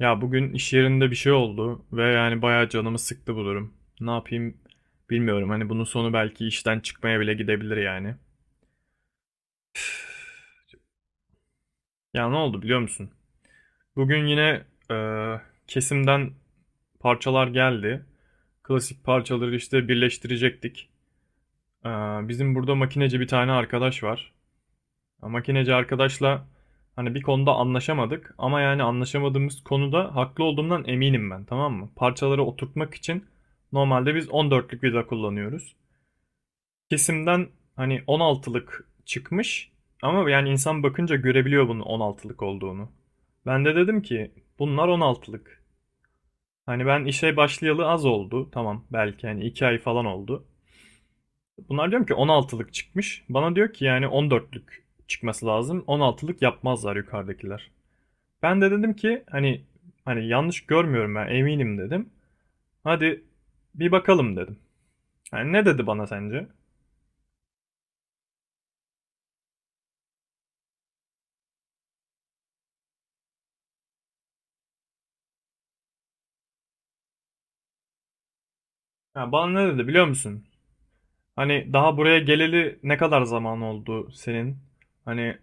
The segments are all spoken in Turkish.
Ya bugün iş yerinde bir şey oldu ve yani bayağı canımı sıktı bu durum. Ne yapayım bilmiyorum. Hani bunun sonu belki işten çıkmaya bile gidebilir yani. Ya ne oldu biliyor musun? Bugün yine e, kesimden parçalar geldi. Klasik parçaları işte birleştirecektik. E, Bizim burada makineci bir tane arkadaş var. Ya makineci arkadaşla hani bir konuda anlaşamadık ama yani anlaşamadığımız konuda haklı olduğumdan eminim ben, tamam mı? Parçaları oturtmak için normalde biz 14'lük vida kullanıyoruz. Kesimden hani 16'lık çıkmış ama yani insan bakınca görebiliyor bunun 16'lık olduğunu. Ben de dedim ki bunlar 16'lık. Hani ben işe başlayalı az oldu, tamam, belki hani 2 ay falan oldu. Bunlar diyorum ki 16'lık çıkmış. Bana diyor ki yani 14'lük çıkması lazım. 16'lık yapmazlar yukarıdakiler. Ben de dedim ki hani yanlış görmüyorum ben, eminim dedim. Hadi bir bakalım dedim. Yani ne dedi bana sence? Ha, bana ne dedi biliyor musun? Hani daha buraya geleli ne kadar zaman oldu senin? Hani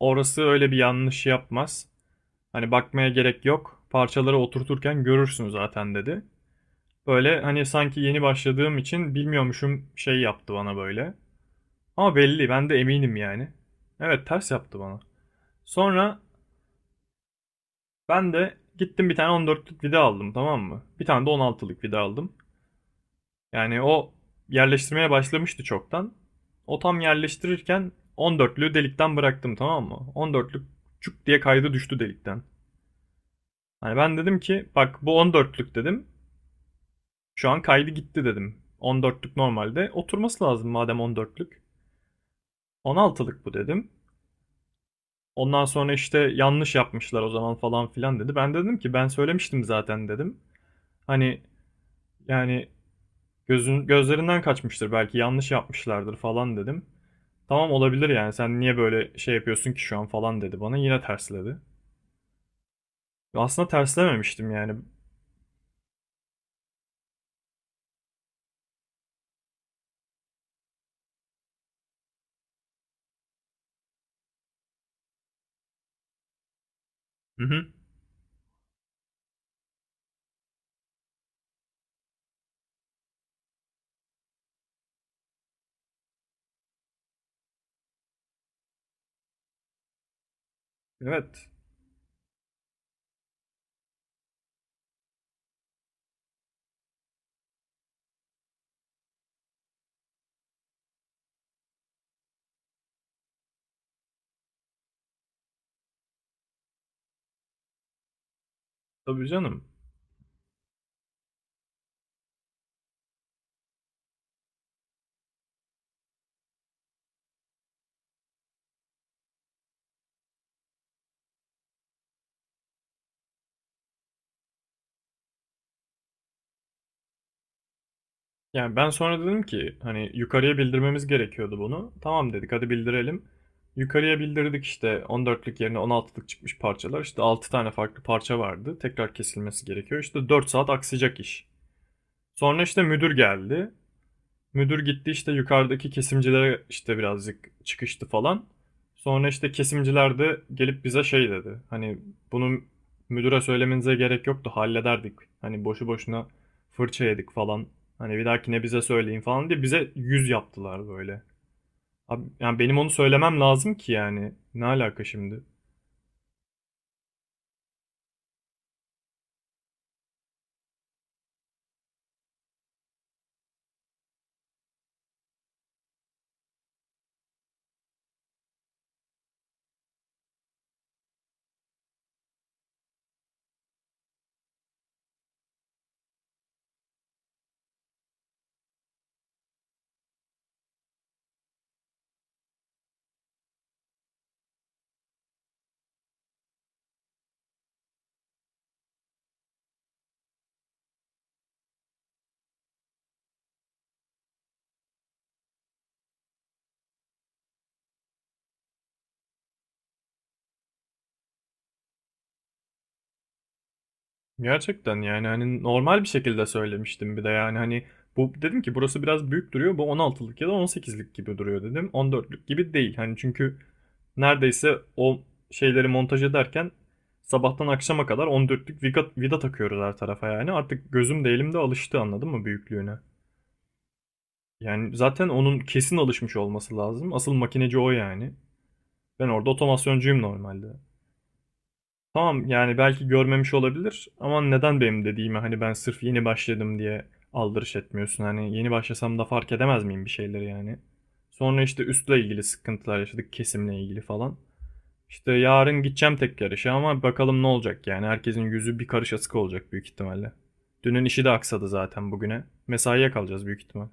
orası öyle bir yanlış yapmaz. Hani bakmaya gerek yok. Parçaları oturturken görürsün zaten dedi. Böyle hani sanki yeni başladığım için bilmiyormuşum şey yaptı bana böyle. Ama belli, ben de eminim yani. Evet, ters yaptı bana. Sonra ben de gittim bir tane 14'lük vida aldım, tamam mı? Bir tane de 16'lık vida aldım. Yani o yerleştirmeye başlamıştı çoktan. O tam yerleştirirken 14'lüğü delikten bıraktım, tamam mı? 14'lük çuk diye kaydı, düştü delikten. Hani ben dedim ki bak, bu 14'lük dedim. Şu an kaydı gitti dedim. 14'lük normalde oturması lazım madem 14'lük. 16'lık bu dedim. Ondan sonra işte yanlış yapmışlar o zaman falan filan dedi. Ben de dedim ki ben söylemiştim zaten dedim. Hani yani gözün gözlerinden kaçmıştır, belki yanlış yapmışlardır falan dedim. Tamam, olabilir yani sen niye böyle şey yapıyorsun ki şu an falan dedi, bana yine tersledi. Aslında terslememiştim yani. Hı hı. Evet. Tabii canım. Yani ben sonra dedim ki hani yukarıya bildirmemiz gerekiyordu bunu. Tamam dedik, hadi bildirelim. Yukarıya bildirdik işte 14'lük yerine 16'lık çıkmış parçalar. İşte 6 tane farklı parça vardı. Tekrar kesilmesi gerekiyor. İşte 4 saat aksayacak iş. Sonra işte müdür geldi. Müdür gitti işte yukarıdaki kesimcilere işte birazcık çıkıştı falan. Sonra işte kesimciler de gelip bize şey dedi. Hani bunu müdüre söylemenize gerek yoktu, hallederdik. Hani boşu boşuna fırça yedik falan. Hani bir dahakine bize söyleyin falan diye bize yüz yaptılar böyle. Abi, yani benim onu söylemem lazım ki yani. Ne alaka şimdi? Gerçekten yani hani normal bir şekilde söylemiştim bir de yani hani bu dedim ki burası biraz büyük duruyor, bu 16'lık ya da 18'lik gibi duruyor dedim, 14'lük gibi değil hani, çünkü neredeyse o şeyleri montaj ederken sabahtan akşama kadar 14'lük vida takıyoruz her tarafa, yani artık gözüm de elim de alıştı, anladın mı, büyüklüğüne. Yani zaten onun kesin alışmış olması lazım, asıl makineci o yani, ben orada otomasyoncuyum normalde. Tamam, yani belki görmemiş olabilir ama neden benim dediğime, hani ben sırf yeni başladım diye aldırış etmiyorsun. Hani yeni başlasam da fark edemez miyim bir şeyleri yani. Sonra işte üstle ilgili sıkıntılar yaşadık, kesimle ilgili falan. İşte yarın gideceğim tek yarışa ama bakalım ne olacak yani. Herkesin yüzü bir karış asık olacak büyük ihtimalle. Dünün işi de aksadı zaten bugüne. Mesaiye kalacağız büyük ihtimal.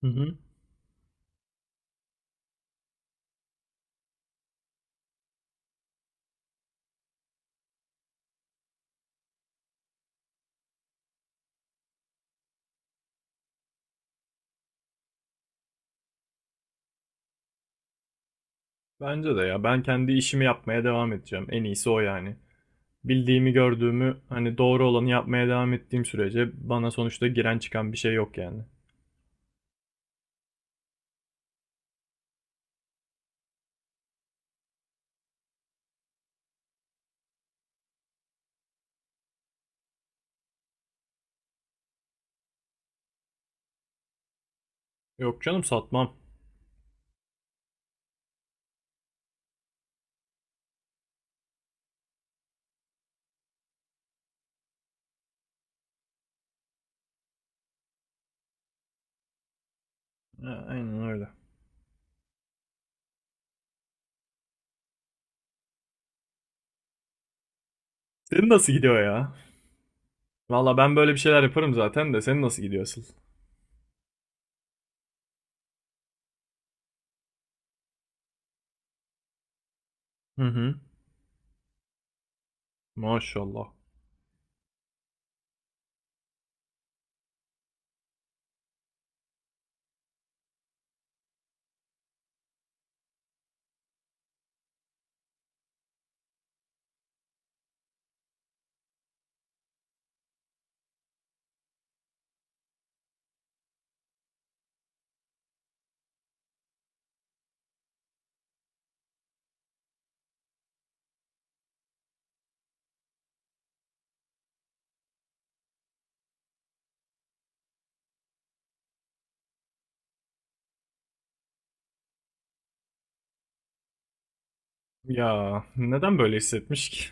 Hı hı. Bence de ya, ben kendi işimi yapmaya devam edeceğim. En iyisi o yani. Bildiğimi, gördüğümü, hani doğru olanı yapmaya devam ettiğim sürece bana sonuçta giren çıkan bir şey yok yani. Yok canım, satmam. Ha, aynen öyle. Senin nasıl gidiyor ya? Valla ben böyle bir şeyler yaparım zaten de senin nasıl gidiyor asıl? Hı hı. Maşallah. Ya neden böyle hissetmiş ki?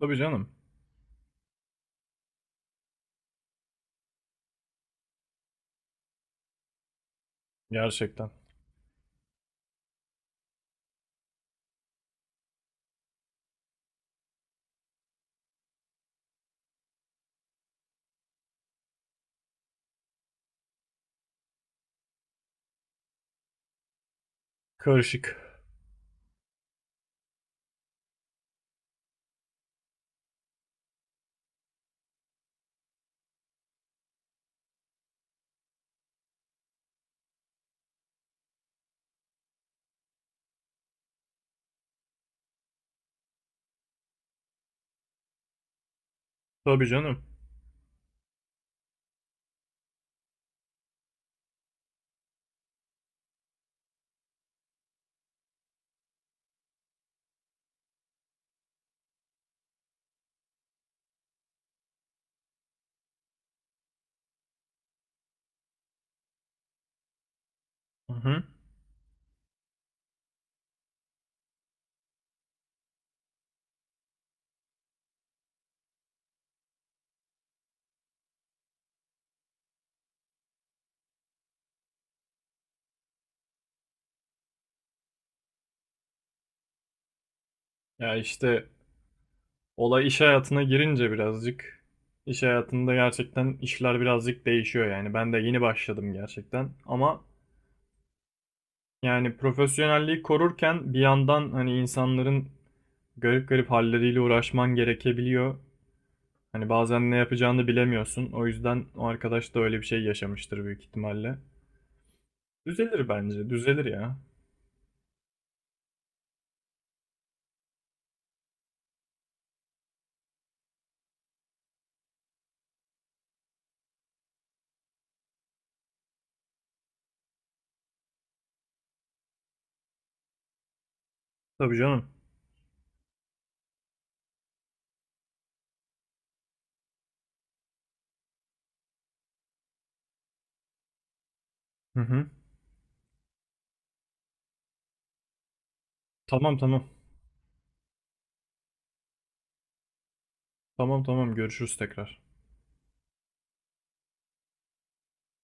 Tabii canım. Gerçekten. Karışık. Tabii canım. Hı hı. Ya işte olay iş hayatına girince birazcık, iş hayatında gerçekten işler birazcık değişiyor yani. Ben de yeni başladım gerçekten ama yani profesyonelliği korurken bir yandan hani insanların garip garip halleriyle uğraşman gerekebiliyor. Hani bazen ne yapacağını bilemiyorsun. O yüzden o arkadaş da öyle bir şey yaşamıştır büyük ihtimalle. Düzelir bence. Düzelir ya. Tabii canım. Hı hı. Tamam tamam. Tamam tamam. Görüşürüz tekrar.